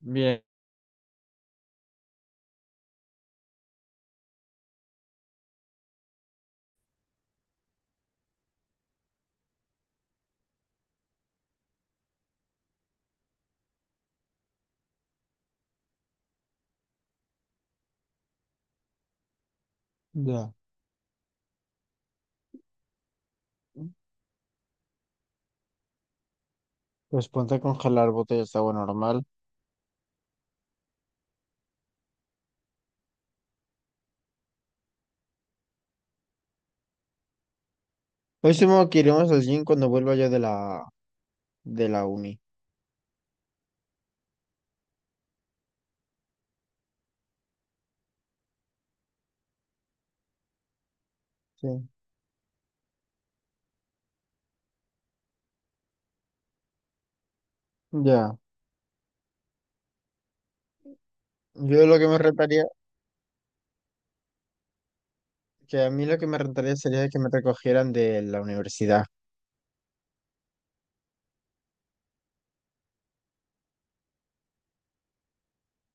Bien. Ya. Pues ponte a congelar botellas de agua normal. Hoy supongo que iremos al gym cuando vuelva yo de la uni. Sí. Ya. Yo lo que me rentaría, que a mí lo que me rentaría sería que me recogieran de la universidad.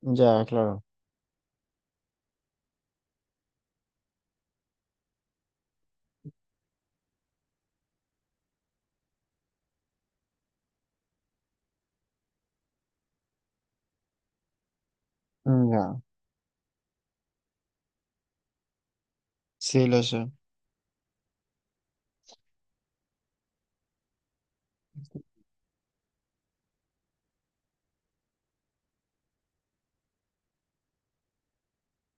Ya, claro. Ya. Sí, lo sé.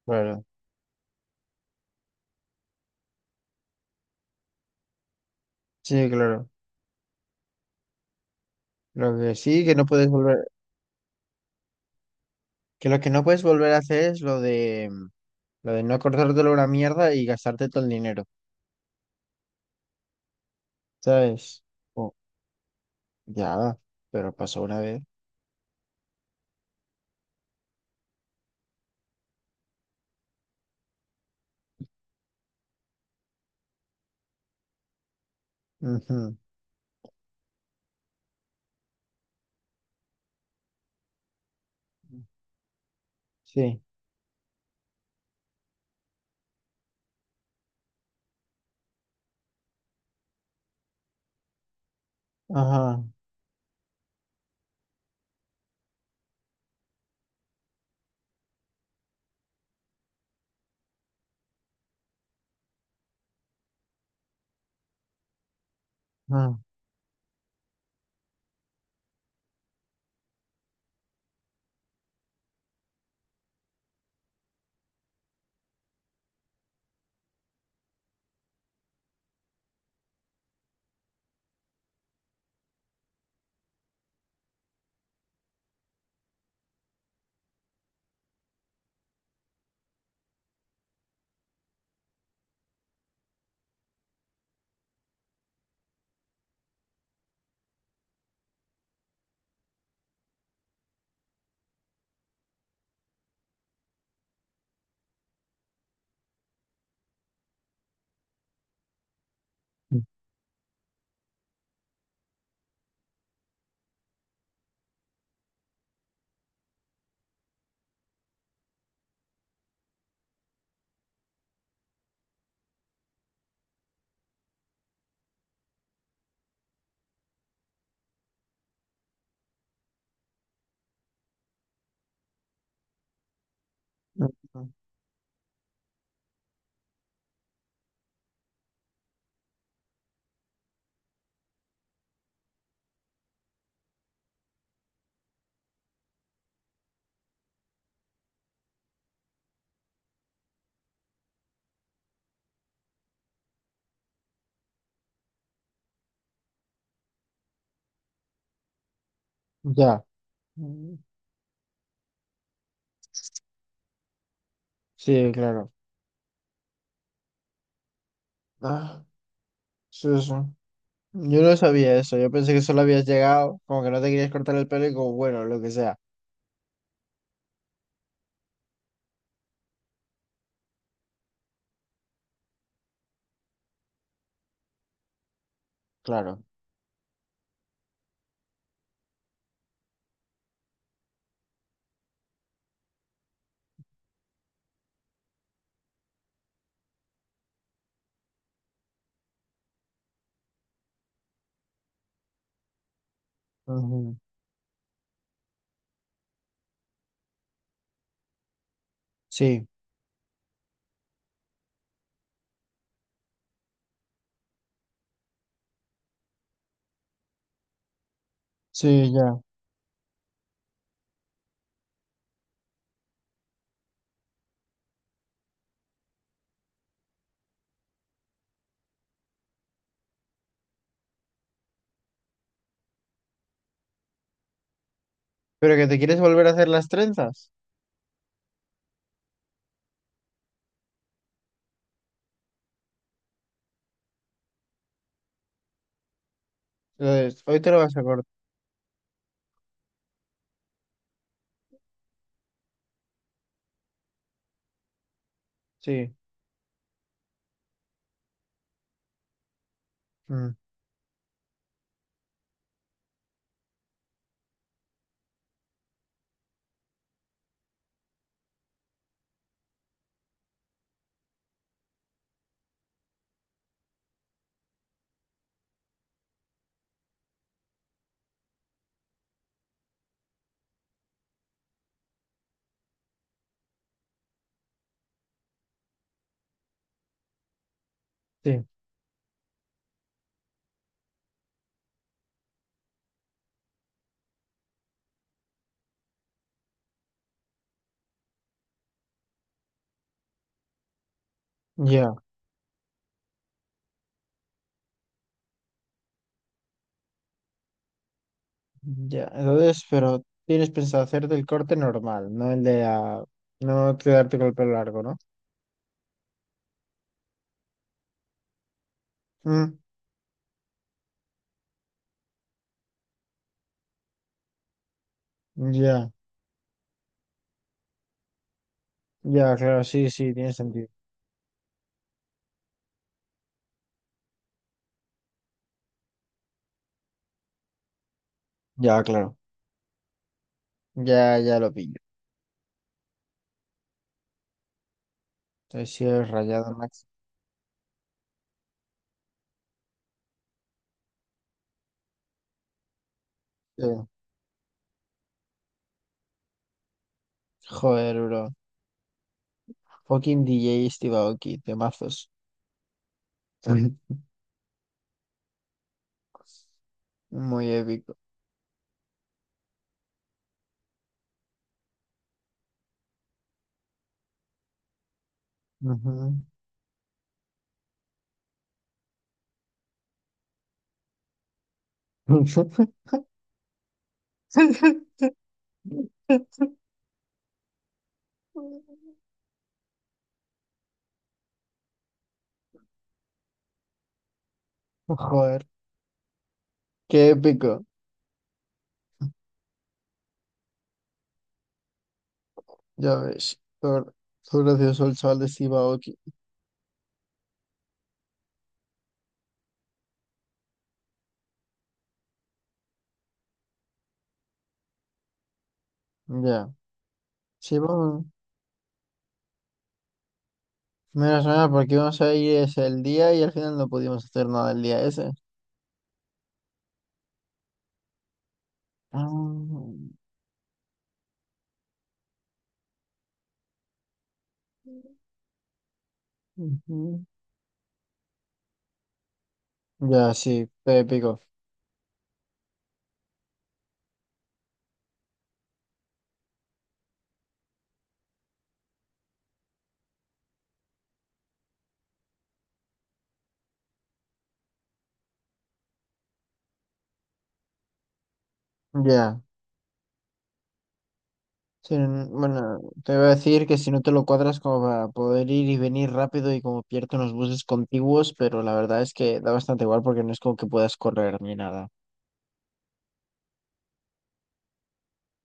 Claro. Sí, claro. Lo que sí, que lo que no puedes volver a hacer es lo de no acordártelo una mierda y gastarte todo el dinero. ¿Sabes? Oh, ya. Pero pasó una vez. Ujú. Sí, ajá, ajá, mm, mm, mm, ya, mm, sí, claro. Ah, sí, sí. Sí. Yo no sabía eso, yo pensé que solo habías llegado, como que no te querías cortar el pelo y como, bueno, lo que sea, claro. Ujú. Sí, sí, ya. Pero que te quieres volver a hacer las trenzas, entonces, hoy te lo vas a cortar, sí, mm, sí, ya, ya. Entonces, pero tienes pensado hacerte el corte normal, no el de la, no quedarte con el pelo largo, ¿no? Mm, ya. Ya, claro, sí, sí, tiene sentido. Ya, claro. Ya, ya lo pillo. Entonces, si es rayado, Max. Sí. Joder, bro. Fucking DJ Steve Aoki, temazos. Ujú. Muy épico. Ujú. Joder, qué épico. Ya ves. Por gracioso el chaval de Steve Aoki. Ya. Sí, vamos. Mira, suena porque íbamos a ir ese el día y al final no pudimos hacer nada el día ese. Ah, ujú. Ya, sí, fue épico. Ya. Sí, bueno, te voy a decir que si no te lo cuadras como para poder ir y venir rápido y como pierde unos buses contiguos, pero la verdad es que da bastante igual porque no es como que puedas correr ni nada.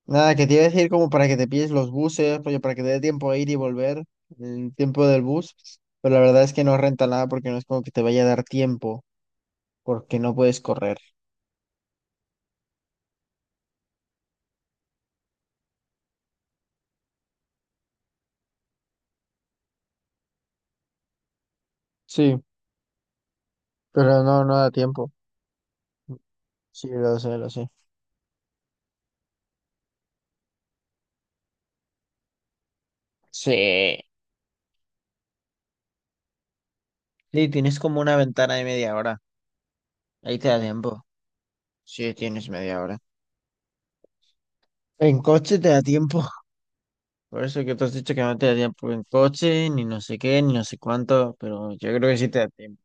Nada, que te iba a decir como para que te pilles los buses, rollo, para que te dé tiempo a ir y volver, el tiempo del bus, pero la verdad es que no renta nada porque no es como que te vaya a dar tiempo porque no puedes correr. Sí, pero no, no da tiempo. Sí, lo sé, lo sé. Sí. Sí, tienes como una ventana de media hora. Ahí te da tiempo. Sí, tienes media hora. En coche te da tiempo. Por eso que tú has dicho que no te da tiempo en coche, ni no sé qué, ni no sé cuánto, pero yo creo que sí te da tiempo.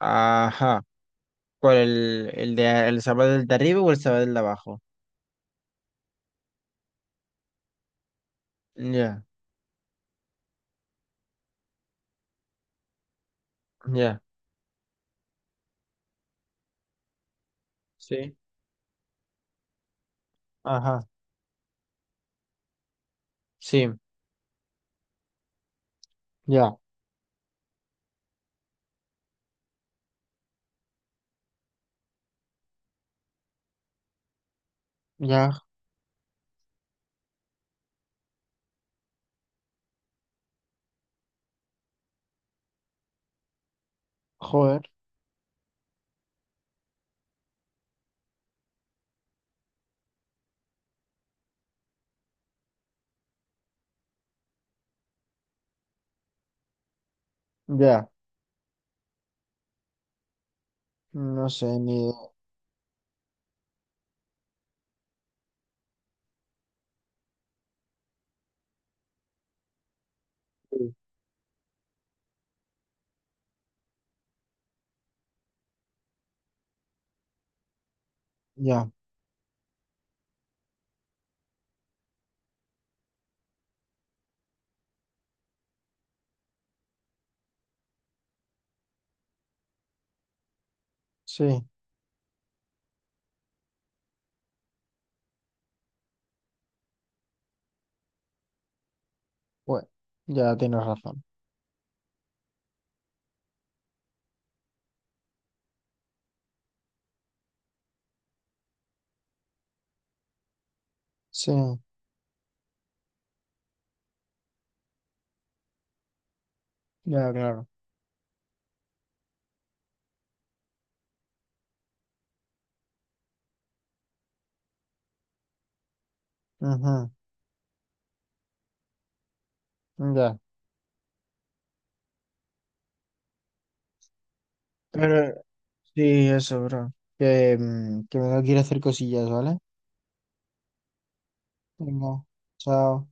Ajá. ¿Cuál? ¿El de el sábado del de arriba o el sábado del de abajo? Ya, ya. Sí. Ajá. Sí. Ya, ya, joder. Ya. No sé, ni. Ya. Sí. Bueno, ya tienes razón. Sí. Ya, claro. Ajá. Ya. Pero sí, eso, bro. Que, que me tengo que ir a hacer cosillas, ¿vale? Venga, chao.